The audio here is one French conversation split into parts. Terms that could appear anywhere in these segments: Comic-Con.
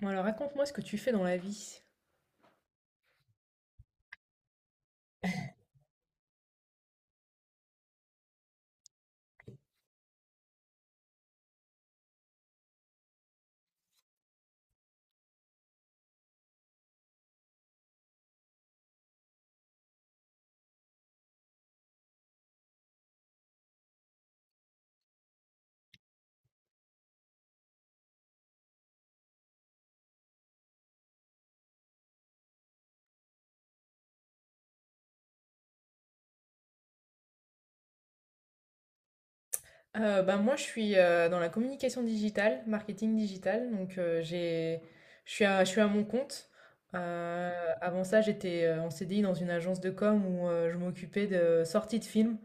Bon, alors raconte-moi ce que tu fais dans la vie. Moi, je suis dans la communication digitale, marketing digital. Donc, j'ai, je suis à mon compte. Euh, Avant ça, j'étais en CDI dans une agence de com où je m'occupais de sorties de films.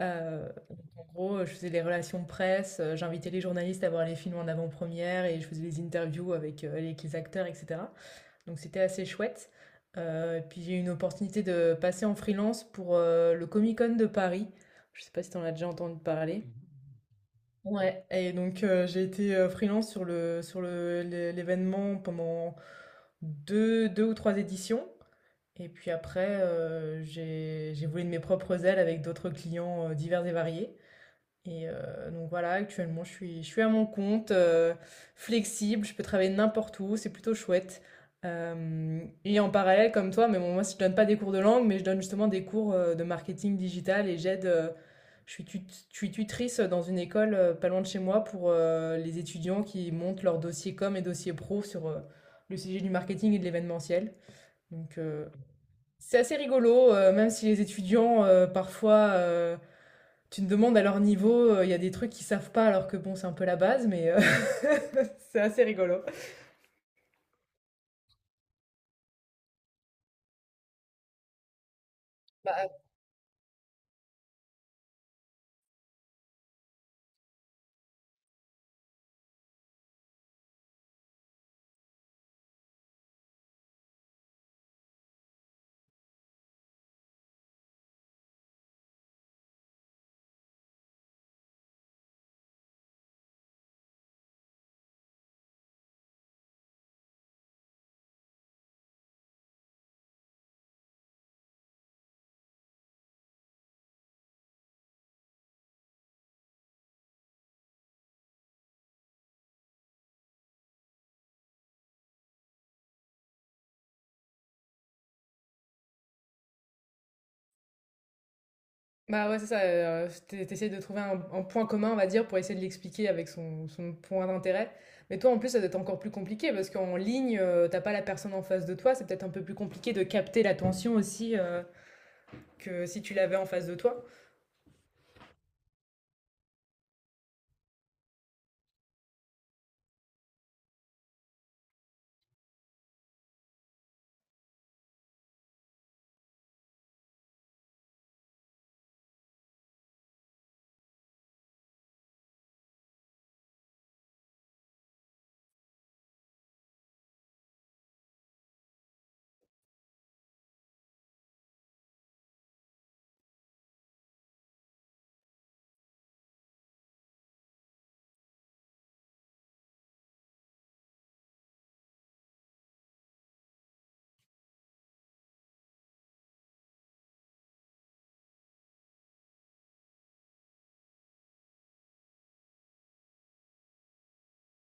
Donc, en gros, je faisais les relations presse, j'invitais les journalistes à voir les films en avant-première et je faisais les interviews avec, avec les acteurs, etc. Donc c'était assez chouette. Et puis j'ai eu une opportunité de passer en freelance pour, le Comic-Con de Paris. Je sais pas si tu en as déjà entendu parler? Mmh. Ouais, et donc j'ai été, freelance sur le l'é l'événement pendant deux ou 3 éditions, et puis après, j'ai volé de mes propres ailes avec d'autres clients, divers et variés. Et donc voilà, actuellement, je suis à mon compte, flexible, je peux travailler n'importe où, c'est plutôt chouette. Hem Et en parallèle, comme toi, mais bon, moi, si je donne pas des cours de langue, mais je donne justement des cours, de marketing digital, et j'aide, je suis tut je suis tutrice dans une école, pas loin de chez moi pour, les étudiants qui montent leur dossier com et dossier pro sur, le sujet du marketing et de l'événementiel. Donc c'est assez rigolo, même si les étudiants, parfois, tu te demandes à leur niveau, il y a des trucs qu'ils savent pas alors que bon, c'est un peu la base, mais c'est assez rigolo. Bah, bah ouais, c'est ça, t'essayes de trouver un point commun, on va dire, pour essayer de l'expliquer avec son, son point d'intérêt. Mais toi, en plus, ça doit être encore plus compliqué parce qu'en ligne, t'as pas la personne en face de toi, c'est peut-être un peu plus compliqué de capter l'attention aussi que si tu l'avais en face de toi.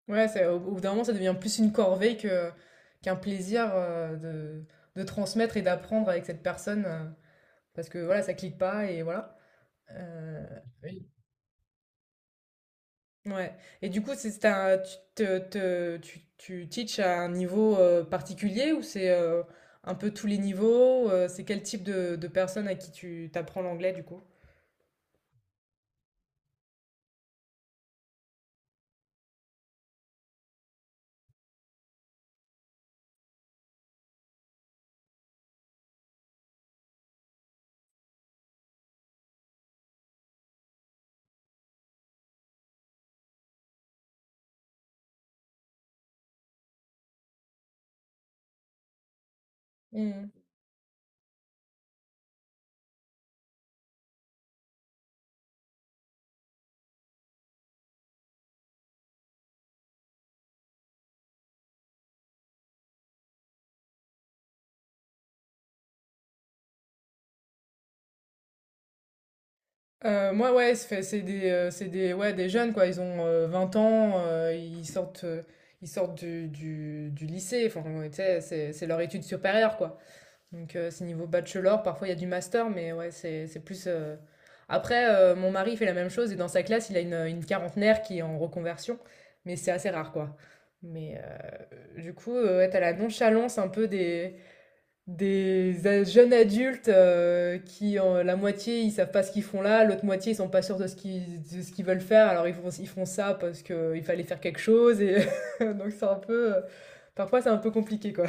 Ouais, au bout d'un moment, ça devient plus une corvée que, qu'un plaisir de transmettre et d'apprendre avec cette personne. Parce que voilà, ça clique pas, et voilà. Heu, ouais, et du coup, c'est un tu te te tu tu teaches à un niveau, particulier, ou c'est, un peu tous les niveaux? C'est quel type de personnes à qui tu t'apprends l'anglais, du coup? Mmh mh. Moi, ouais, c'est des ouais, des jeunes, quoi. Ils ont, 20 ans, ils sortent du lycée. Enfin, tu sais, c'est leur étude supérieure, quoi. Donc c'est niveau bachelor, parfois il y a du master, mais ouais, c'est plus... Après, mon mari fait la même chose et dans sa classe, il a une quarantenaire qui est en reconversion, mais c'est assez rare, quoi. Mais du coup, ouais, t'as la nonchalance un peu des, jeunes adultes euh, la moitié, ils savent pas ce qu'ils font là, l'autre moitié, ils sont pas sûrs de ce qu'ils veulent faire, alors ils font ça parce que il fallait faire quelque chose, et donc c'est un peu... Parfois, c'est un peu compliqué, quoi.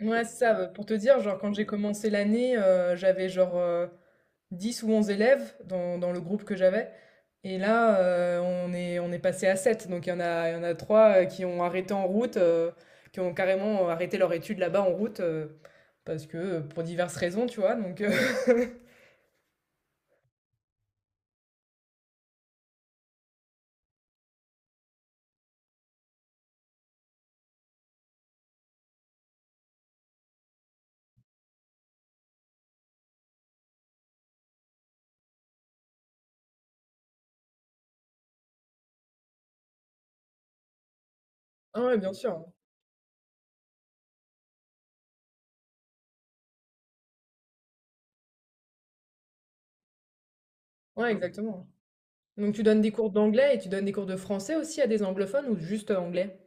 Ouais, c'est ça, pour te dire, genre, quand j'ai commencé l'année, j'avais genre, 10 ou 11 élèves dans le groupe que j'avais, et là, on est passé à 7. Donc il y en a 3 qui ont arrêté en route, qui ont carrément arrêté leurs études là-bas en route, parce que, pour diverses raisons, tu vois? Donc ah ouais, bien sûr. Ouais, exactement. Donc tu donnes des cours d'anglais et tu donnes des cours de français aussi à des anglophones ou juste anglais?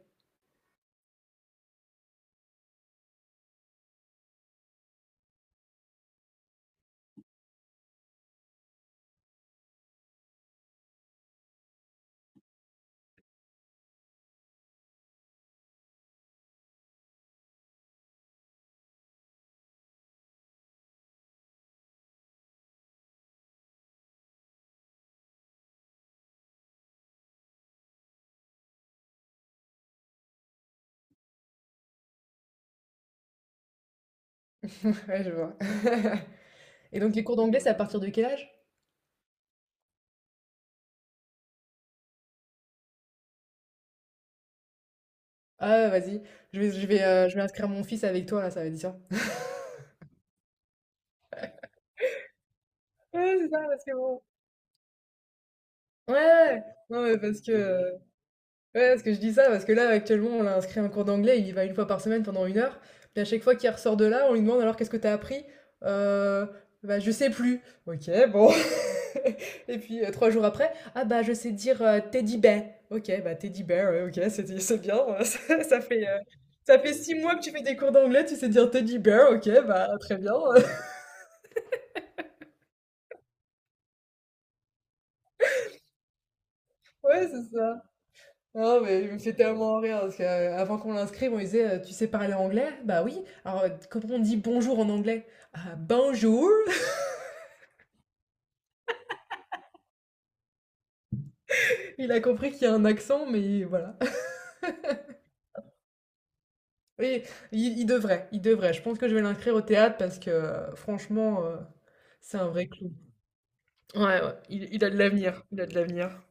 Ouais, je vois. Et donc les cours d'anglais, c'est à partir de quel âge? Ah, ouais, vas-y, je vais inscrire mon fils avec toi là, ça va être bien. Ouais, c'est ça, parce que bon, ouais, ouais, non, mais parce que, ouais, parce que je dis ça, parce que là, actuellement, on l'a inscrit à un cours d'anglais, il y va une fois par semaine pendant une heure, puis à chaque fois qu'il ressort de là, on lui demande: «Alors qu'est-ce que t'as appris?» «Heu, Bah, je sais plus». «OK, bon». Et puis, 3 jours après: «Ah bah, je sais dire, teddy bear». «OK, bah, teddy bear, ouais, OK, c'est bien, ça ça fait 6 mois que tu fais des cours d'anglais, tu sais dire teddy bear, OK, bah, très bien». Ouais, c'est ça. Non, mais il me fait tellement rire parce qu'avant qu'on l'inscrive, on lui disait tu sais parler anglais? Bah oui. Alors, comment on dit bonjour en anglais? Ah, bonjour! Il a compris qu'il y a un accent, mais voilà. Oui, il devrait, il devrait. Je pense que je vais l'inscrire au théâtre parce que franchement, c'est un vrai clou. Ouais, ouais, il a de l'avenir. Il a de l'avenir.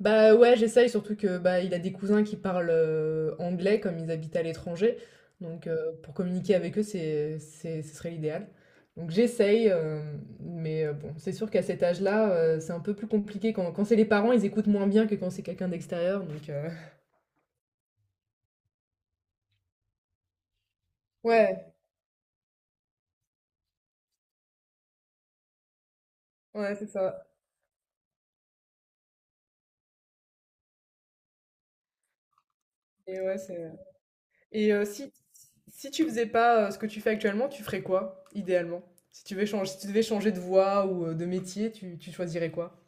Bah ouais, j'essaye, surtout que bah, il a des cousins qui parlent anglais comme ils habitent à l'étranger. Donc pour communiquer avec eux, ce serait l'idéal. Donc j'essaye, mais bon, c'est sûr qu'à cet âge-là, c'est un peu plus compliqué. Quand c'est les parents, ils écoutent moins bien que quand c'est quelqu'un d'extérieur. Donc ouais, ouais, c'est ça. Et ouais, c'est... Et si tu faisais pas ce que tu fais actuellement, tu ferais quoi, idéalement? Si tu devais changer, si tu devais changer de voie ou de métier, tu choisirais quoi?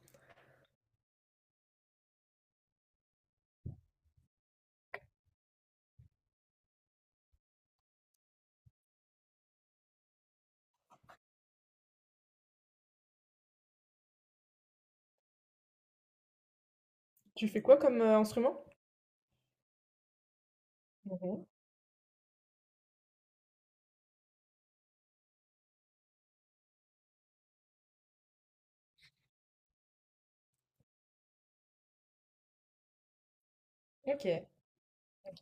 Tu fais quoi comme instrument? OK. OK.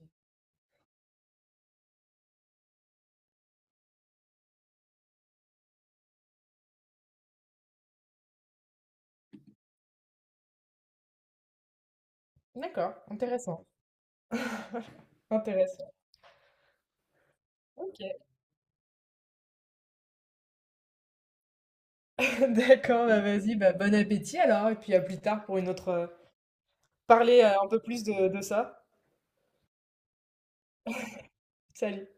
D'accord, intéressant. OK. D'accord, bah, vas-y, bah, bon appétit alors, et puis à plus tard pour une autre, parler, un peu plus de ça. Salut.